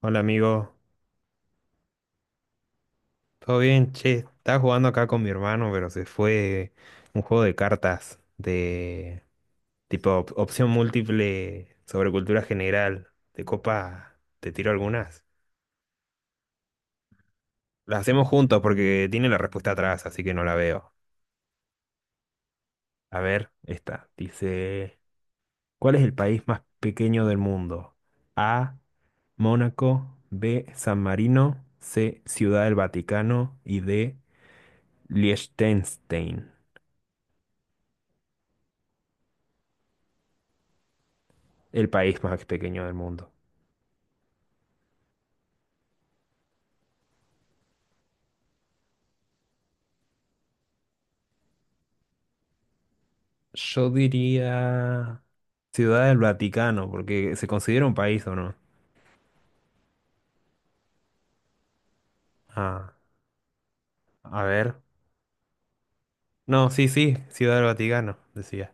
Hola amigo, ¿todo bien? Che, estaba jugando acá con mi hermano, pero se fue un juego de cartas de tipo opción múltiple sobre cultura general. De copa, te tiro algunas. Las hacemos juntos porque tiene la respuesta atrás, así que no la veo. A ver, esta. Dice, ¿cuál es el país más pequeño del mundo? A, Mónaco, B, San Marino, C, Ciudad del Vaticano y D, Liechtenstein. El país más pequeño del mundo. Yo diría Ciudad del Vaticano, porque se considera un país o no. Ah, a ver. No, sí, sí, Ciudad del Vaticano, decía.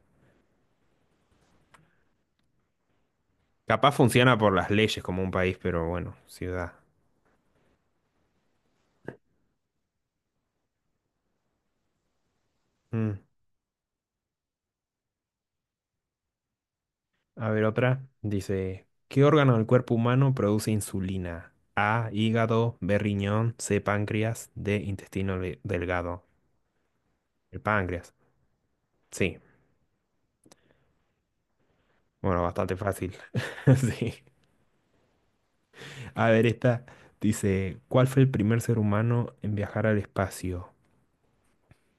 Capaz funciona por las leyes como un país, pero bueno, ciudad. Mm, a ver, otra. Dice, ¿qué órgano del cuerpo humano produce insulina? A, hígado, B, riñón, C, páncreas, D, intestino delgado. El páncreas. Sí. Bueno, bastante fácil. Sí. A ver, esta dice, ¿cuál fue el primer ser humano en viajar al espacio?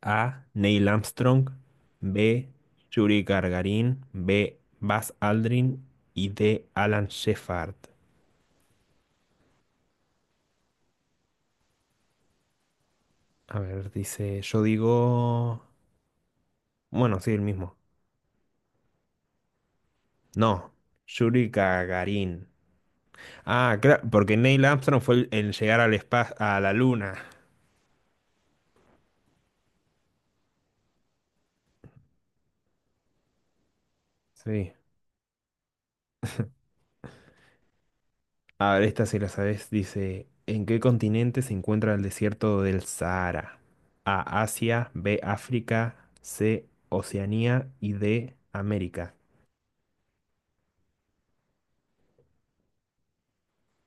A, Neil Armstrong. B, Yuri Gagarin. B, Buzz Aldrin. Y D, Alan Shepard. A ver, dice, yo digo... Bueno, sí, el mismo. No, Yuri Gagarin. Ah, claro, porque Neil Armstrong fue el llegar al espacio, a la luna. Sí. A ver, esta si la sabes, dice, ¿en qué continente se encuentra el desierto del Sahara? A, Asia, B, África, C, Oceanía y D, América.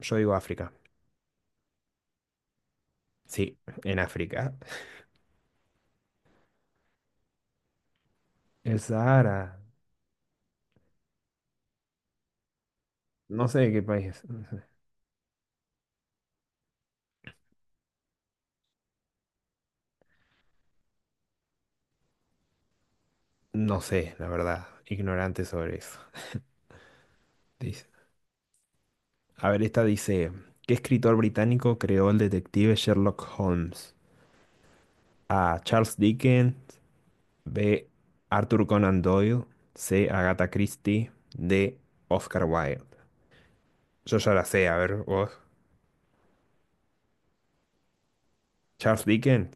Yo digo África. Sí, en África. El Sahara. No sé de qué país es. No sé, la verdad. Ignorante sobre eso. Dice- A ver, esta dice, ¿qué escritor británico creó el detective Sherlock Holmes? A, Charles Dickens, B, Arthur Conan Doyle. C, Agatha Christie. D, Oscar Wilde. Yo ya la sé, a ver, vos. ¿Charles Dickens?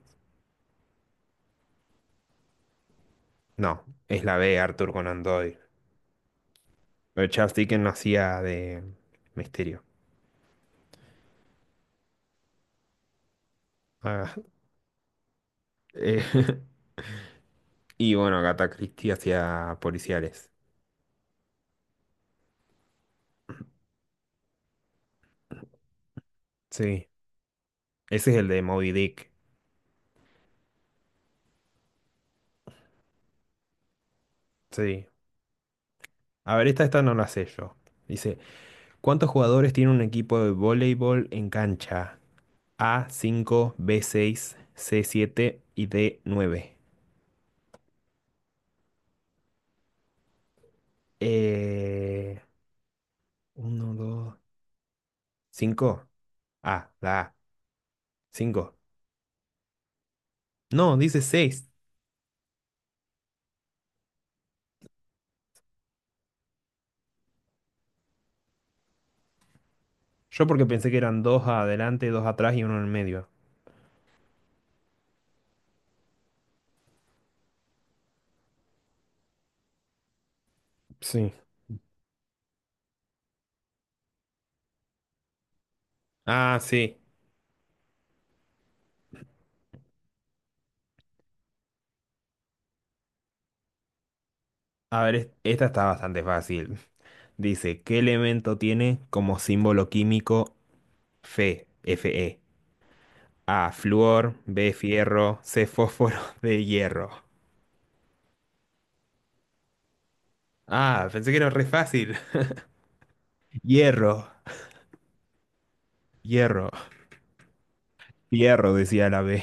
No, es la B, Arthur Conan Doyle. Pero Charles Dickens no hacía de misterio. Ah, eh, y bueno, Agatha Christie hacía policiales. Sí, ese es el de Moby Dick. Sí. A ver, esta no la sé yo. Dice, ¿cuántos jugadores tiene un equipo de voleibol en cancha? A, cinco, B, seis, C, siete y D, nueve. Eh, 1, 2, 5. A, la A. 5. No, dice seis. Yo porque pensé que eran dos adelante, dos atrás y uno en el medio. Sí. Ah, sí. A ver, esta está bastante fácil. Dice, ¿qué elemento tiene como símbolo químico Fe, Fe? A, flúor, B, fierro, C, fósforo, D, hierro. Ah, pensé que era re fácil. Hierro. Hierro, hierro, decía la B.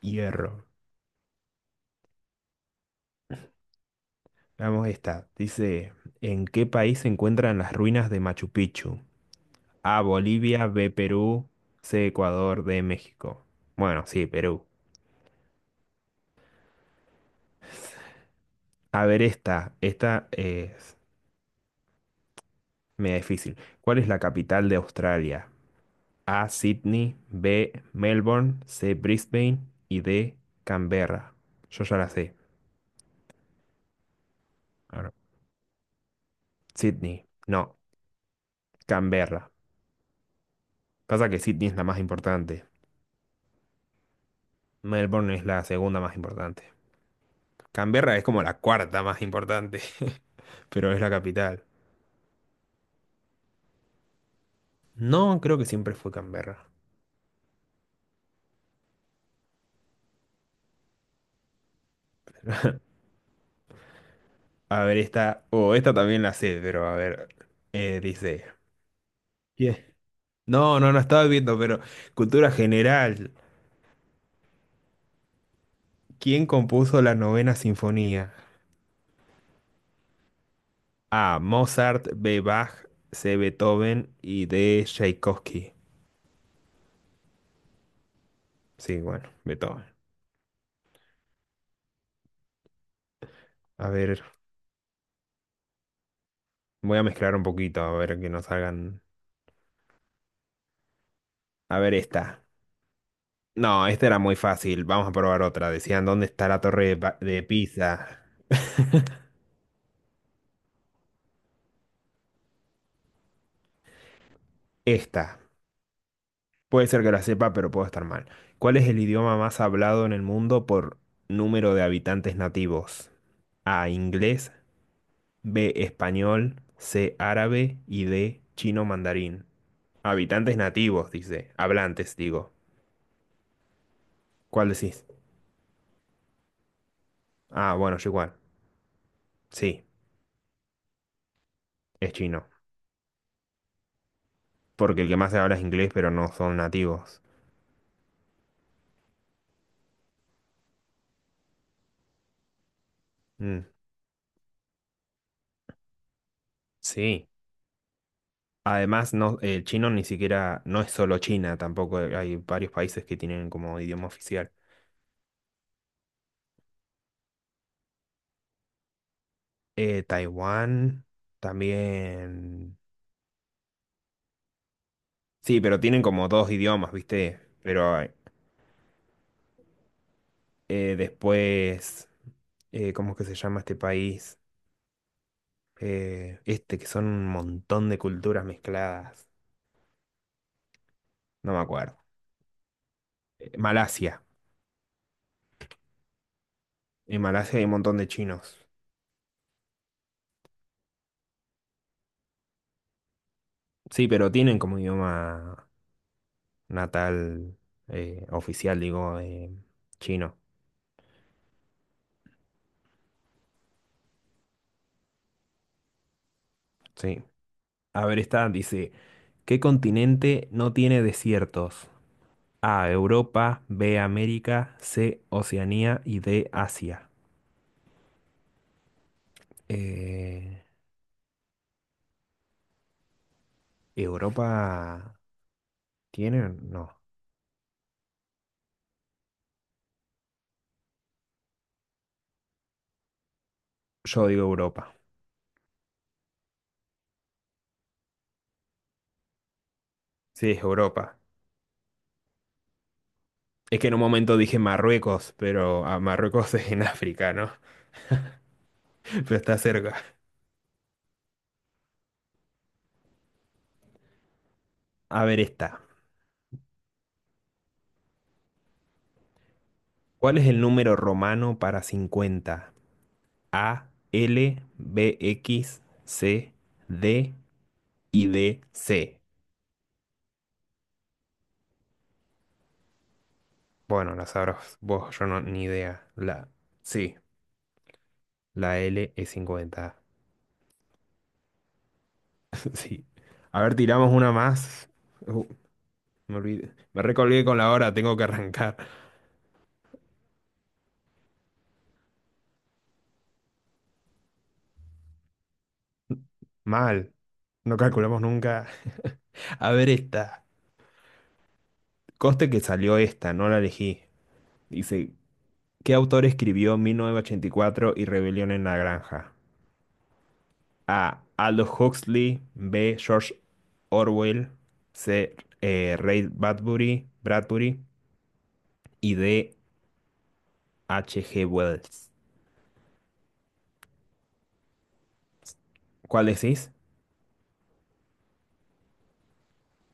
Hierro. Vamos esta. Dice, ¿en qué país se encuentran las ruinas de Machu Picchu? A, Bolivia, B, Perú, C, Ecuador, D, México. Bueno, sí, Perú. A ver esta. Esta es media difícil. ¿Cuál es la capital de Australia? A, Sydney, B, Melbourne, C, Brisbane y D, Canberra. Yo ya la sé. Ahora, Sydney. No, Canberra. Pasa que Sydney es la más importante. Melbourne es la segunda más importante. Canberra es como la cuarta más importante, pero es la capital. No, creo que siempre fue Canberra. A ver, esta, o esta también la sé, pero a ver, dice... ¿Quién? No estaba viendo, pero cultura general. ¿Quién compuso la novena sinfonía? A, Mozart, B, Bach, C, Beethoven y D, Tchaikovsky. Sí, bueno, Beethoven. A ver, voy a mezclar un poquito, a ver que nos hagan... A ver esta. No, esta era muy fácil. Vamos a probar otra. Decían, ¿dónde está la torre de, de Pisa? Esta. Puede ser que la sepa, pero puedo estar mal. ¿Cuál es el idioma más hablado en el mundo por número de habitantes nativos? A, inglés, B, español, C, árabe y D, chino mandarín. Habitantes nativos, dice. Hablantes, digo. ¿Cuál decís? Ah, bueno, yo igual. Sí, es chino. Porque el que más se habla es inglés, pero no son nativos. Mm, sí. Además, no, el chino ni siquiera, no es solo China, tampoco hay varios países que tienen como idioma oficial. Taiwán también. Sí, pero tienen como dos idiomas, ¿viste? Pero después, ¿cómo es que se llama este país? Este, que son un montón de culturas mezcladas. No me acuerdo. Malasia. En Malasia hay un montón de chinos. Sí, pero tienen como idioma natal, oficial, digo, chino. Sí. A ver, esta dice, ¿qué continente no tiene desiertos? A, Europa, B, América, C, Oceanía y D, Asia. Eh, ¿Europa tiene? No. Yo digo Europa. Sí, es Europa. Es que en un momento dije Marruecos, pero ah, Marruecos es en África, ¿no? Pero está cerca. A ver, esta. ¿Cuál es el número romano para cincuenta? A, L, B, X, C, D y D, C. Bueno, la sabrás vos, yo no, ni idea. La, sí, la L es 50. Sí. A ver, tiramos una más. Uh, me olvidé. Me recolgué con la hora, tengo que arrancar. Mal. No calculamos nunca. A ver esta. Coste que salió esta, no la elegí. Dice, ¿qué autor escribió 1984 y cuatro y Rebelión en la Granja? A, Aldous Huxley. B, George Orwell. C, Ray Bradbury. Bradbury. Y D, H.G. Wells. ¿Cuál decís?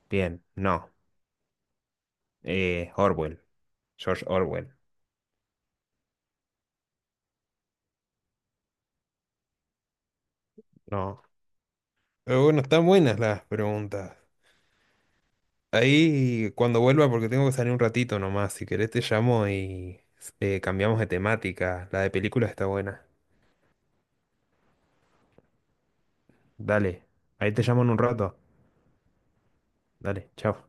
Bien, no. Orwell. George Orwell. No. Pero bueno, están buenas las preguntas. Ahí cuando vuelva, porque tengo que salir un ratito nomás, si querés te llamo y cambiamos de temática. La de películas está buena. Dale. Ahí te llamo en un rato. Dale, chao.